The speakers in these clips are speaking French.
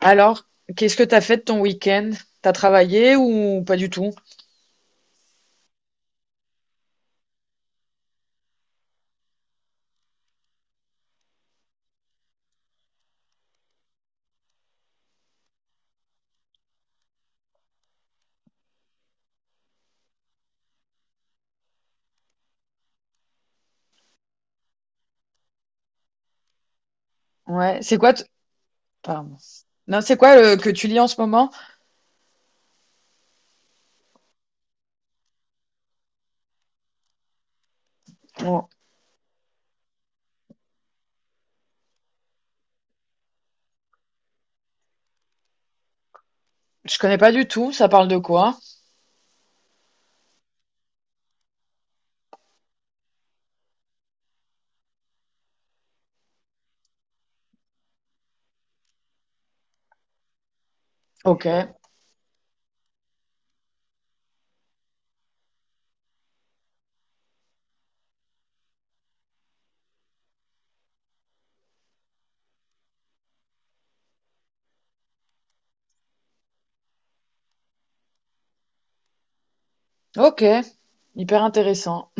Alors, qu'est-ce que t'as fait de ton week-end? T'as travaillé ou pas du tout? Ouais, c'est quoi pardon. Non, c'est quoi que tu lis en ce moment? Bon, je connais pas du tout, ça parle de quoi? Ok, ok, hyper intéressant.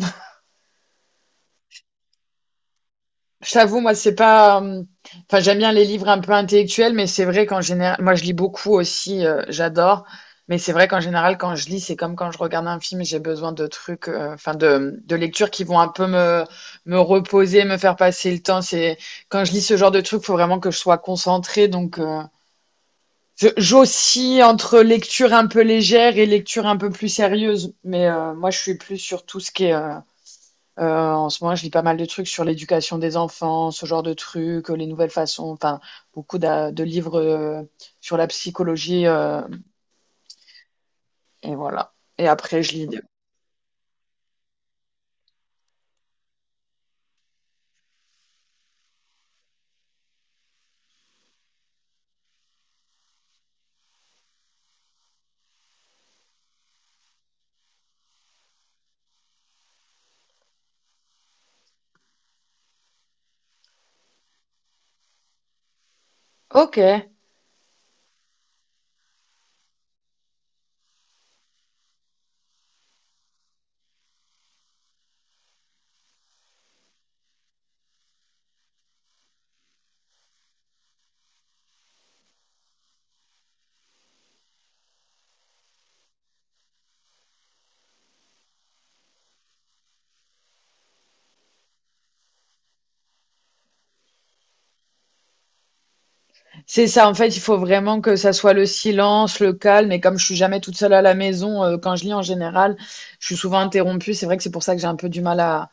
Je t'avoue, moi, c'est pas. Enfin, j'aime bien les livres un peu intellectuels, mais c'est vrai qu'en général, moi, je lis beaucoup aussi, j'adore. Mais c'est vrai qu'en général, quand je lis, c'est comme quand je regarde un film, j'ai besoin de trucs, enfin, de lectures qui vont un peu me reposer, me faire passer le temps. C'est quand je lis ce genre de trucs, faut vraiment que je sois concentrée. Donc, j'oscille entre lecture un peu légère et lecture un peu plus sérieuse. Mais moi, je suis plus sur tout ce qui est euh, en ce moment, je lis pas mal de trucs sur l'éducation des enfants, ce genre de trucs, les nouvelles façons, enfin, beaucoup de livres sur la psychologie, et voilà. Et après, ok, c'est ça. En fait, il faut vraiment que ça soit le silence, le calme. Et comme je suis jamais toute seule à la maison, quand je lis en général, je suis souvent interrompue. C'est vrai que c'est pour ça que j'ai un peu du mal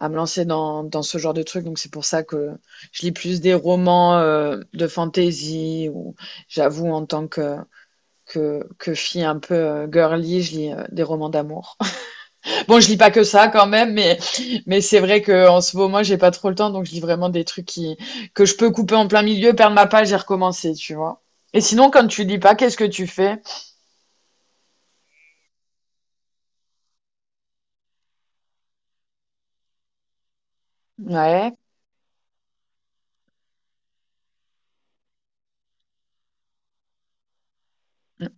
à me lancer dans ce genre de trucs. Donc, c'est pour ça que je lis plus des romans de fantasy. Ou j'avoue, en tant que fille un peu girly, je lis des romans d'amour. Bon, je lis pas que ça quand même, mais c'est vrai que en ce moment, j'ai pas trop le temps, donc je lis vraiment des trucs qui, que je peux couper en plein milieu, perdre ma page et recommencer, tu vois. Et sinon, quand tu lis pas, qu'est-ce que tu fais? Ouais, mm,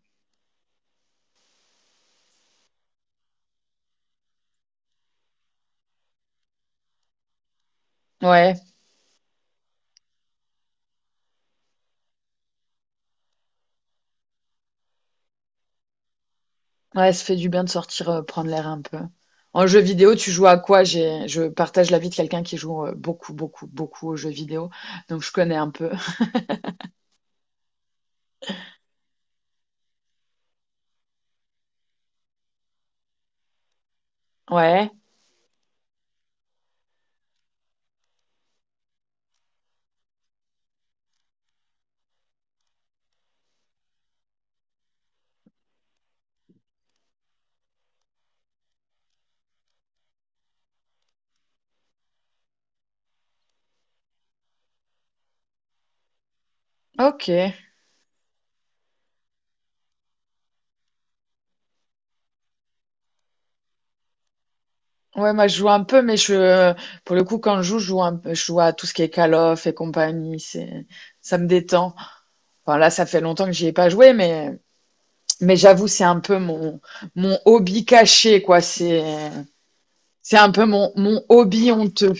ouais, ouais, ça fait du bien de sortir, prendre l'air un peu. En jeu vidéo, tu joues à quoi? Je partage la vie de quelqu'un qui joue beaucoup, beaucoup, beaucoup aux jeux vidéo, donc je connais un peu. Ouais, ok. Ouais, moi je joue un peu, mais pour le coup, quand je joue un peu, je joue à tout ce qui est Call of et compagnie. C'est, ça me détend. Enfin là, ça fait longtemps que j'y ai pas joué, mais j'avoue, c'est un peu mon, mon hobby caché, quoi. C'est un peu mon, mon hobby honteux.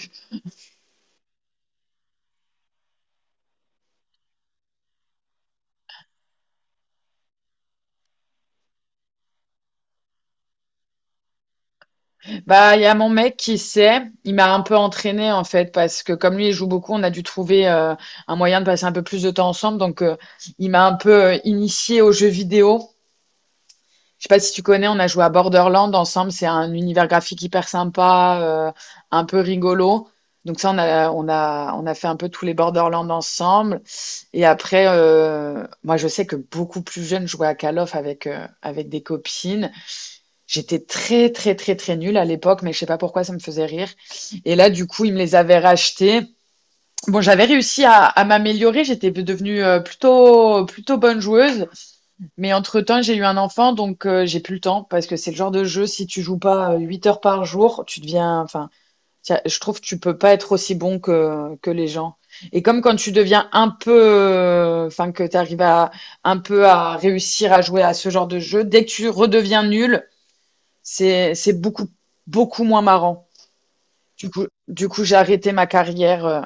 Bah, il y a mon mec qui sait. Il m'a un peu entraîné en fait, parce que comme lui, il joue beaucoup, on a dû trouver un moyen de passer un peu plus de temps ensemble. Donc, il m'a un peu initié aux jeux vidéo. Je sais pas si tu connais, on a joué à Borderland ensemble. C'est un univers graphique hyper sympa, un peu rigolo. Donc ça, on a fait un peu tous les Borderlands ensemble. Et après, moi, je sais que beaucoup plus jeune, je jouais à Call of avec, avec des copines. J'étais très, très, très, très nulle à l'époque, mais je sais pas pourquoi ça me faisait rire. Et là, du coup, ils me les avaient rachetés. Bon, j'avais réussi à m'améliorer. J'étais devenue plutôt, plutôt bonne joueuse. Mais entre-temps, j'ai eu un enfant, donc j'ai plus le temps parce que c'est le genre de jeu, si tu joues pas 8 heures par jour, tu deviens. Enfin, tiens, je trouve que tu peux pas être aussi bon que les gens. Et comme quand tu deviens un peu. Enfin, que tu arrives un peu à réussir à jouer à ce genre de jeu, dès que tu redeviens nul, c'est beaucoup, beaucoup moins marrant. Du coup, j'ai arrêté ma carrière.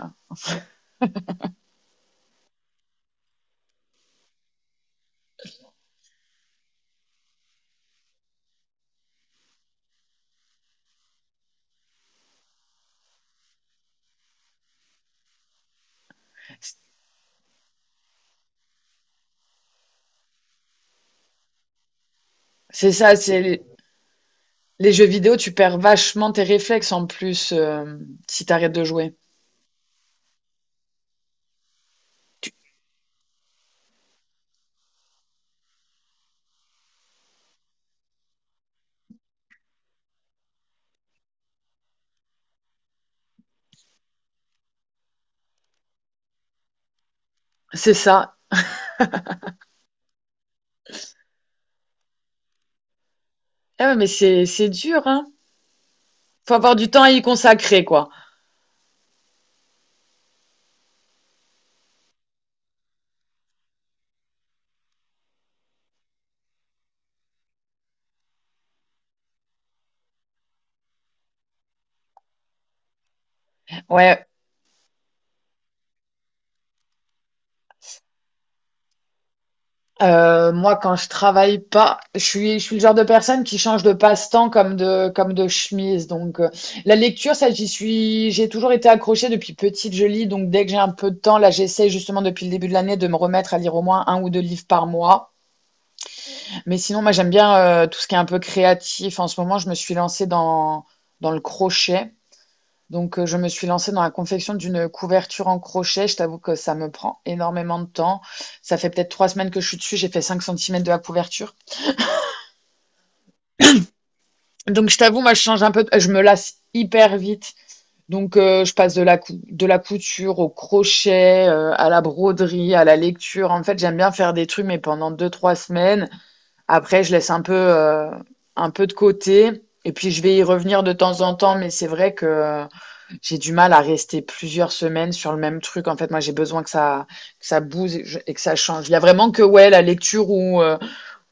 C'est ça, c'est les jeux vidéo, tu perds vachement tes réflexes en plus si tu arrêtes de jouer. C'est ça. Ah ouais, mais c'est dur, hein. Faut avoir du temps à y consacrer, quoi. Ouais. Moi, quand je travaille pas, je suis le genre de personne qui change de passe-temps comme de chemise. Donc la lecture, ça, j'y suis, j'ai toujours été accrochée depuis petite. Je lis, donc dès que j'ai un peu de temps, là, j'essaie justement depuis le début de l'année de me remettre à lire au moins un ou deux livres par mois. Mais sinon, moi, j'aime bien tout ce qui est un peu créatif. En ce moment, je me suis lancée dans dans le crochet. Donc, je me suis lancée dans la confection d'une couverture en crochet. Je t'avoue que ça me prend énormément de temps. Ça fait peut-être 3 semaines que je suis dessus. J'ai fait 5 centimètres de la couverture. Donc, je t'avoue, moi, je change un peu. Je me lasse hyper vite. Donc, je passe de la, de la couture au crochet, à la broderie, à la lecture. En fait, j'aime bien faire des trucs, mais pendant deux, trois semaines. Après, je laisse un peu de côté. Et puis, je vais y revenir de temps en temps. Mais c'est vrai que j'ai du mal à rester plusieurs semaines sur le même truc. En fait, moi, j'ai besoin que ça bouge et que ça change. Il y a vraiment que ouais, la lecture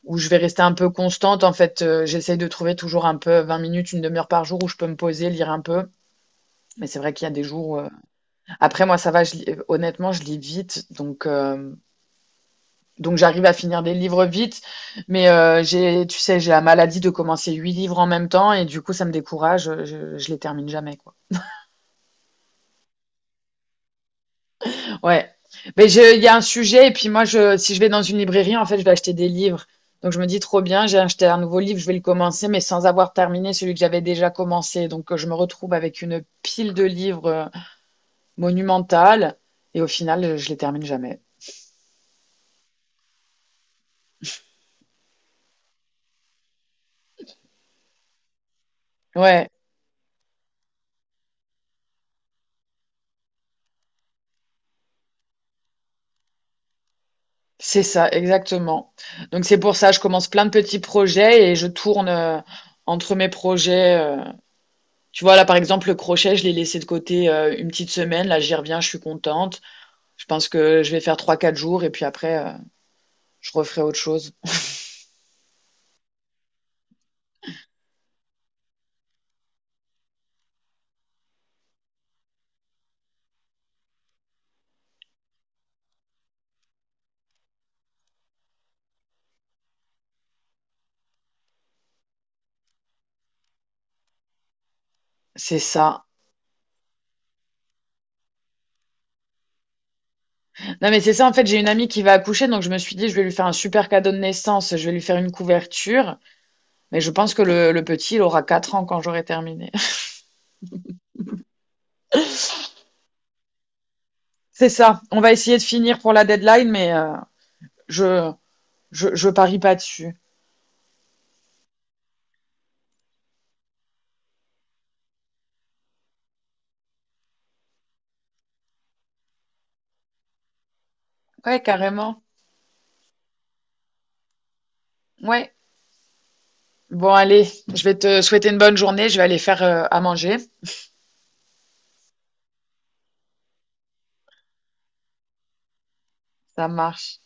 où je vais rester un peu constante. En fait, j'essaye de trouver toujours un peu 20 minutes, une demi-heure par jour où je peux me poser, lire un peu. Mais c'est vrai qu'il y a des après, moi, ça va. Honnêtement, je lis vite, donc j'arrive à finir des livres vite. Mais j'ai, tu sais, j'ai la maladie de commencer 8 livres en même temps et du coup, ça me décourage. Je les termine jamais. Ouais. Mais il y a un sujet, et puis si je vais dans une librairie, en fait, je vais acheter des livres. Donc, je me dis trop bien, j'ai acheté un nouveau livre, je vais le commencer, mais sans avoir terminé celui que j'avais déjà commencé. Donc, je me retrouve avec une pile de livres monumentale, et au final, je les termine jamais. Ouais, c'est ça, exactement. Donc, c'est pour ça, je commence plein de petits projets et je tourne entre mes projets. Tu vois, là, par exemple, le crochet, je l'ai laissé de côté une petite semaine. Là, j'y reviens, je suis contente. Je pense que je vais faire trois quatre jours et puis après, je referai autre chose. C'est ça. Non, mais c'est ça, en fait, j'ai une amie qui va accoucher, donc je me suis dit, je vais lui faire un super cadeau de naissance, je vais lui faire une couverture, mais je pense que le petit, il aura 4 ans quand j'aurai terminé. C'est ça. On va essayer de finir pour la deadline, mais je, je parie pas dessus. Ouais, carrément. Ouais. Bon, allez, je vais te souhaiter une bonne journée, je vais aller faire à manger. Ça marche.